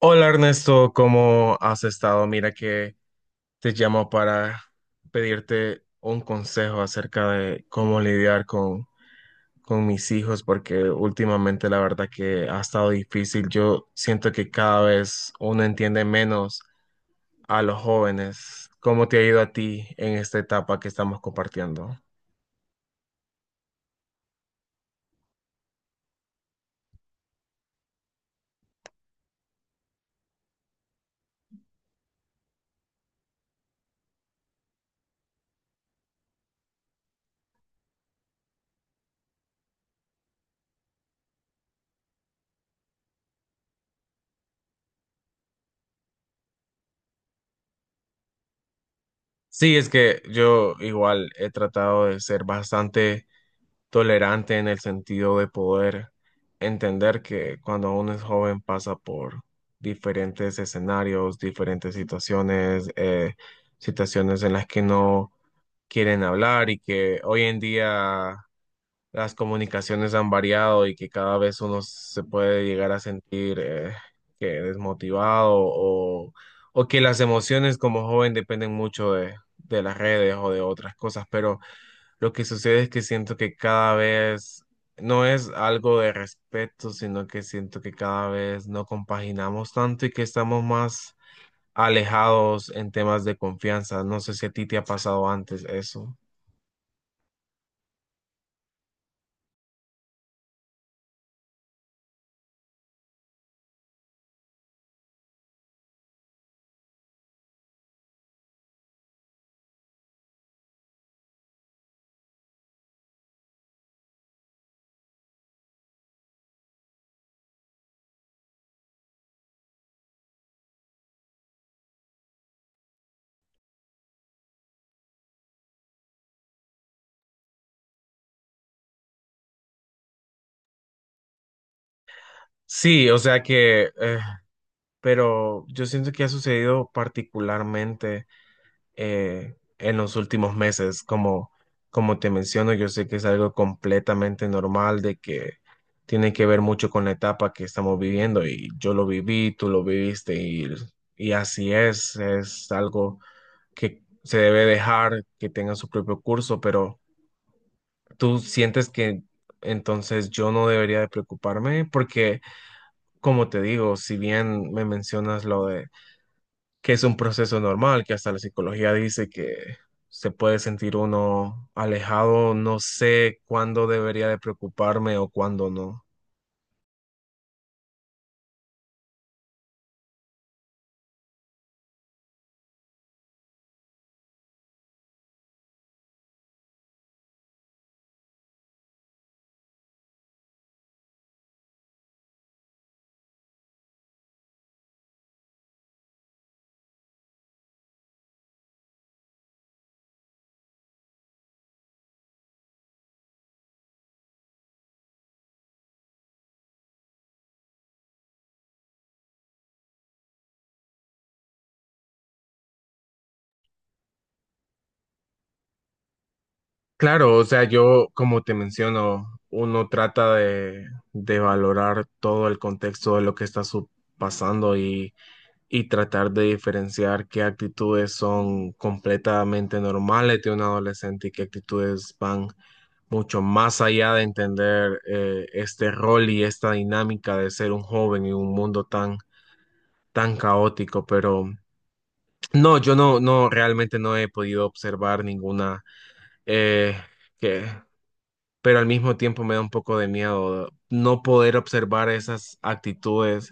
Hola Ernesto, ¿cómo has estado? Mira que te llamo para pedirte un consejo acerca de cómo lidiar con mis hijos, porque últimamente la verdad que ha estado difícil. Yo siento que cada vez uno entiende menos a los jóvenes. ¿Cómo te ha ido a ti en esta etapa que estamos compartiendo? Sí, es que yo igual he tratado de ser bastante tolerante en el sentido de poder entender que cuando uno es joven pasa por diferentes escenarios, diferentes situaciones, situaciones en las que no quieren hablar, y que hoy en día las comunicaciones han variado y que cada vez uno se puede llegar a sentir que desmotivado o que las emociones como joven dependen mucho de las redes o de otras cosas, pero lo que sucede es que siento que cada vez no es algo de respeto, sino que siento que cada vez no compaginamos tanto y que estamos más alejados en temas de confianza. No sé si a ti te ha pasado antes eso. Sí, pero yo siento que ha sucedido particularmente. En los últimos meses. Como te menciono, yo sé que es algo completamente normal de que tiene que ver mucho con la etapa que estamos viviendo y yo lo viví, tú lo viviste y así es algo que se debe dejar que tenga su propio curso, pero tú sientes que entonces yo no debería de preocuparme porque, como te digo, si bien me mencionas lo de que es un proceso normal, que hasta la psicología dice que se puede sentir uno alejado, no sé cuándo debería de preocuparme o cuándo no. Claro, o sea, yo, como te menciono, uno trata de valorar todo el contexto de lo que está pasando y tratar de diferenciar qué actitudes son completamente normales de un adolescente y qué actitudes van mucho más allá de entender este rol y esta dinámica de ser un joven en un mundo tan, tan caótico. Pero no, realmente no he podido observar ninguna eh, que... Pero al mismo tiempo me da un poco de miedo no poder observar esas actitudes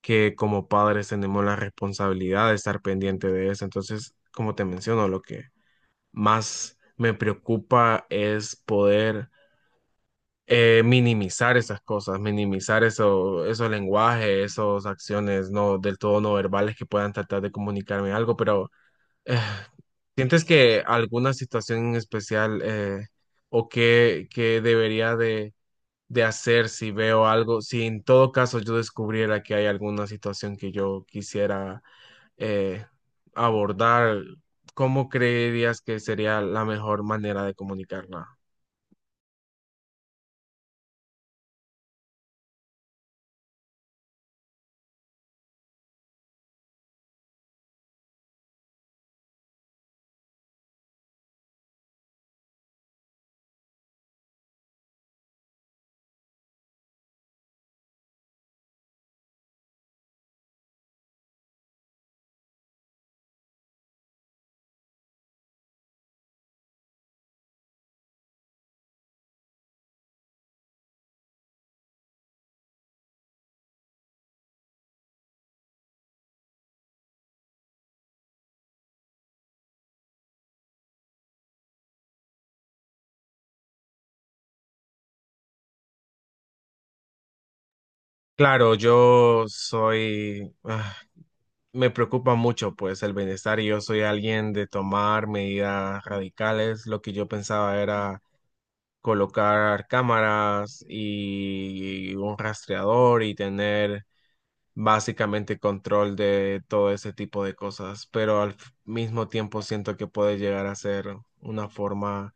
que como padres tenemos la responsabilidad de estar pendiente de eso. Entonces, como te menciono, lo que más me preocupa es poder minimizar esas cosas, minimizar eso, esos lenguajes, esas acciones no del todo no verbales que puedan tratar de comunicarme algo, pero eh, ¿sientes que alguna situación en especial o que debería de hacer si veo algo, si en todo caso yo descubriera que hay alguna situación que yo quisiera eh, abordar, ¿cómo creerías que sería la mejor manera de comunicarla? Claro, yo soy, me preocupa mucho pues el bienestar y yo soy alguien de tomar medidas radicales. Lo que yo pensaba era colocar cámaras y un rastreador y tener básicamente control de todo ese tipo de cosas, pero al mismo tiempo siento que puede llegar a ser una forma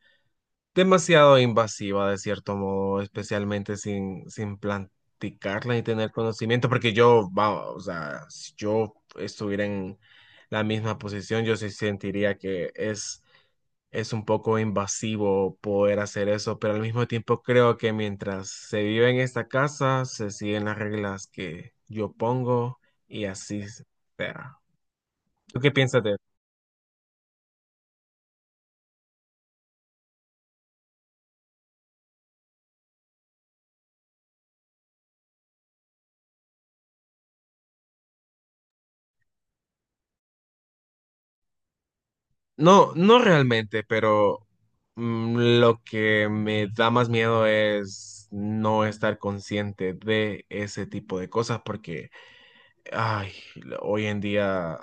demasiado invasiva de cierto modo, especialmente sin platicarla y tener conocimiento, porque yo, va, o sea, si yo estuviera en la misma posición, yo sí sentiría que es un poco invasivo poder hacer eso, pero al mismo tiempo creo que mientras se vive en esta casa, se siguen las reglas que yo pongo y así será. ¿Tú qué piensas de eso? No, no realmente, pero lo que me da más miedo es no estar consciente de ese tipo de cosas porque ay, hoy en día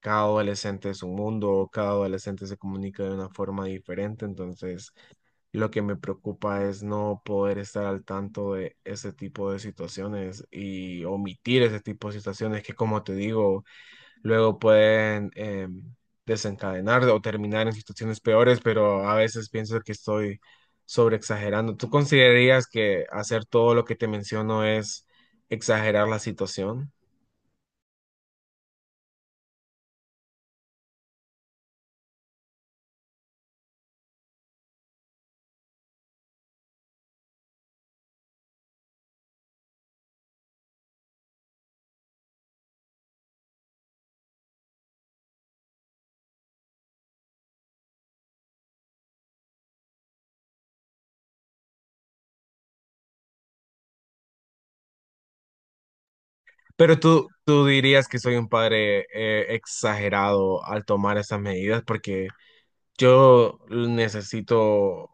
cada adolescente es un mundo, cada adolescente se comunica de una forma diferente, entonces lo que me preocupa es no poder estar al tanto de ese tipo de situaciones y omitir ese tipo de situaciones que, como te digo, luego pueden desencadenar o terminar en situaciones peores, pero a veces pienso que estoy sobreexagerando. ¿Tú considerarías que hacer todo lo que te menciono es exagerar la situación? Pero tú dirías que soy un padre exagerado al tomar esas medidas porque yo necesito,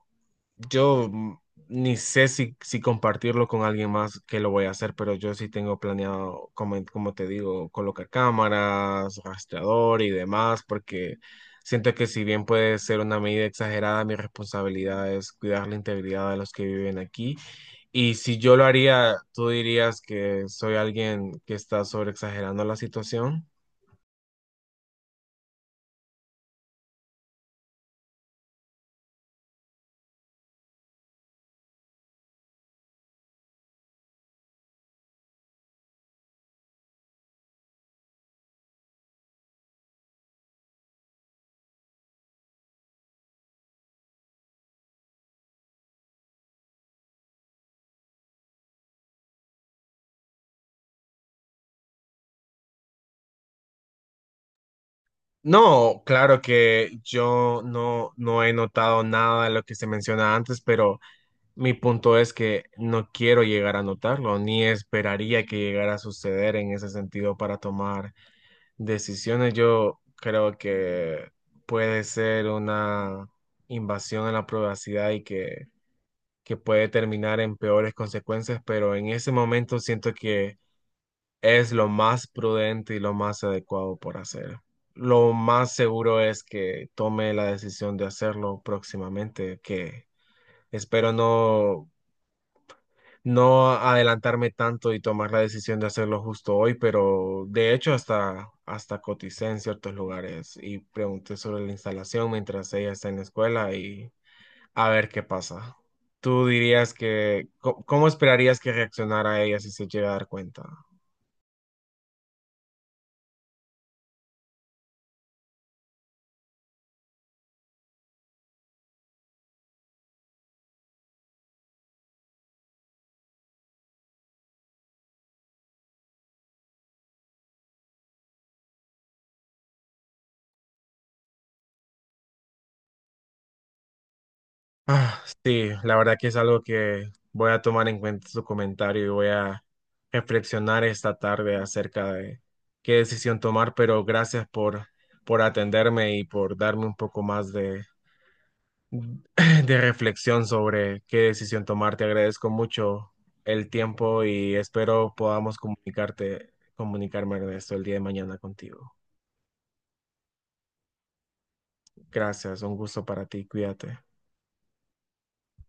yo ni sé si compartirlo con alguien más que lo voy a hacer, pero yo sí tengo planeado, como, como te digo, colocar cámaras, rastreador y demás, porque siento que si bien puede ser una medida exagerada, mi responsabilidad es cuidar la integridad de los que viven aquí y si yo lo haría, ¿tú dirías que soy alguien que está sobreexagerando la situación? No, claro que yo no he notado nada de lo que se menciona antes, pero mi punto es que no quiero llegar a notarlo, ni esperaría que llegara a suceder en ese sentido para tomar decisiones. Yo creo que puede ser una invasión a la privacidad que puede terminar en peores consecuencias, pero en ese momento siento que es lo más prudente y lo más adecuado por hacer. Lo más seguro es que tome la decisión de hacerlo próximamente, que espero no adelantarme tanto y tomar la decisión de hacerlo justo hoy, pero de hecho hasta coticé en ciertos lugares y pregunté sobre la instalación mientras ella está en la escuela y a ver qué pasa. ¿Tú dirías cómo esperarías que reaccionara ella si se llega a dar cuenta? Ah, sí, la verdad que es algo que voy a tomar en cuenta su comentario y voy a reflexionar esta tarde acerca de qué decisión tomar, pero gracias por atenderme y por darme un poco más de reflexión sobre qué decisión tomar. Te agradezco mucho el tiempo y espero podamos comunicarme de esto el día de mañana contigo. Gracias, un gusto para ti, cuídate.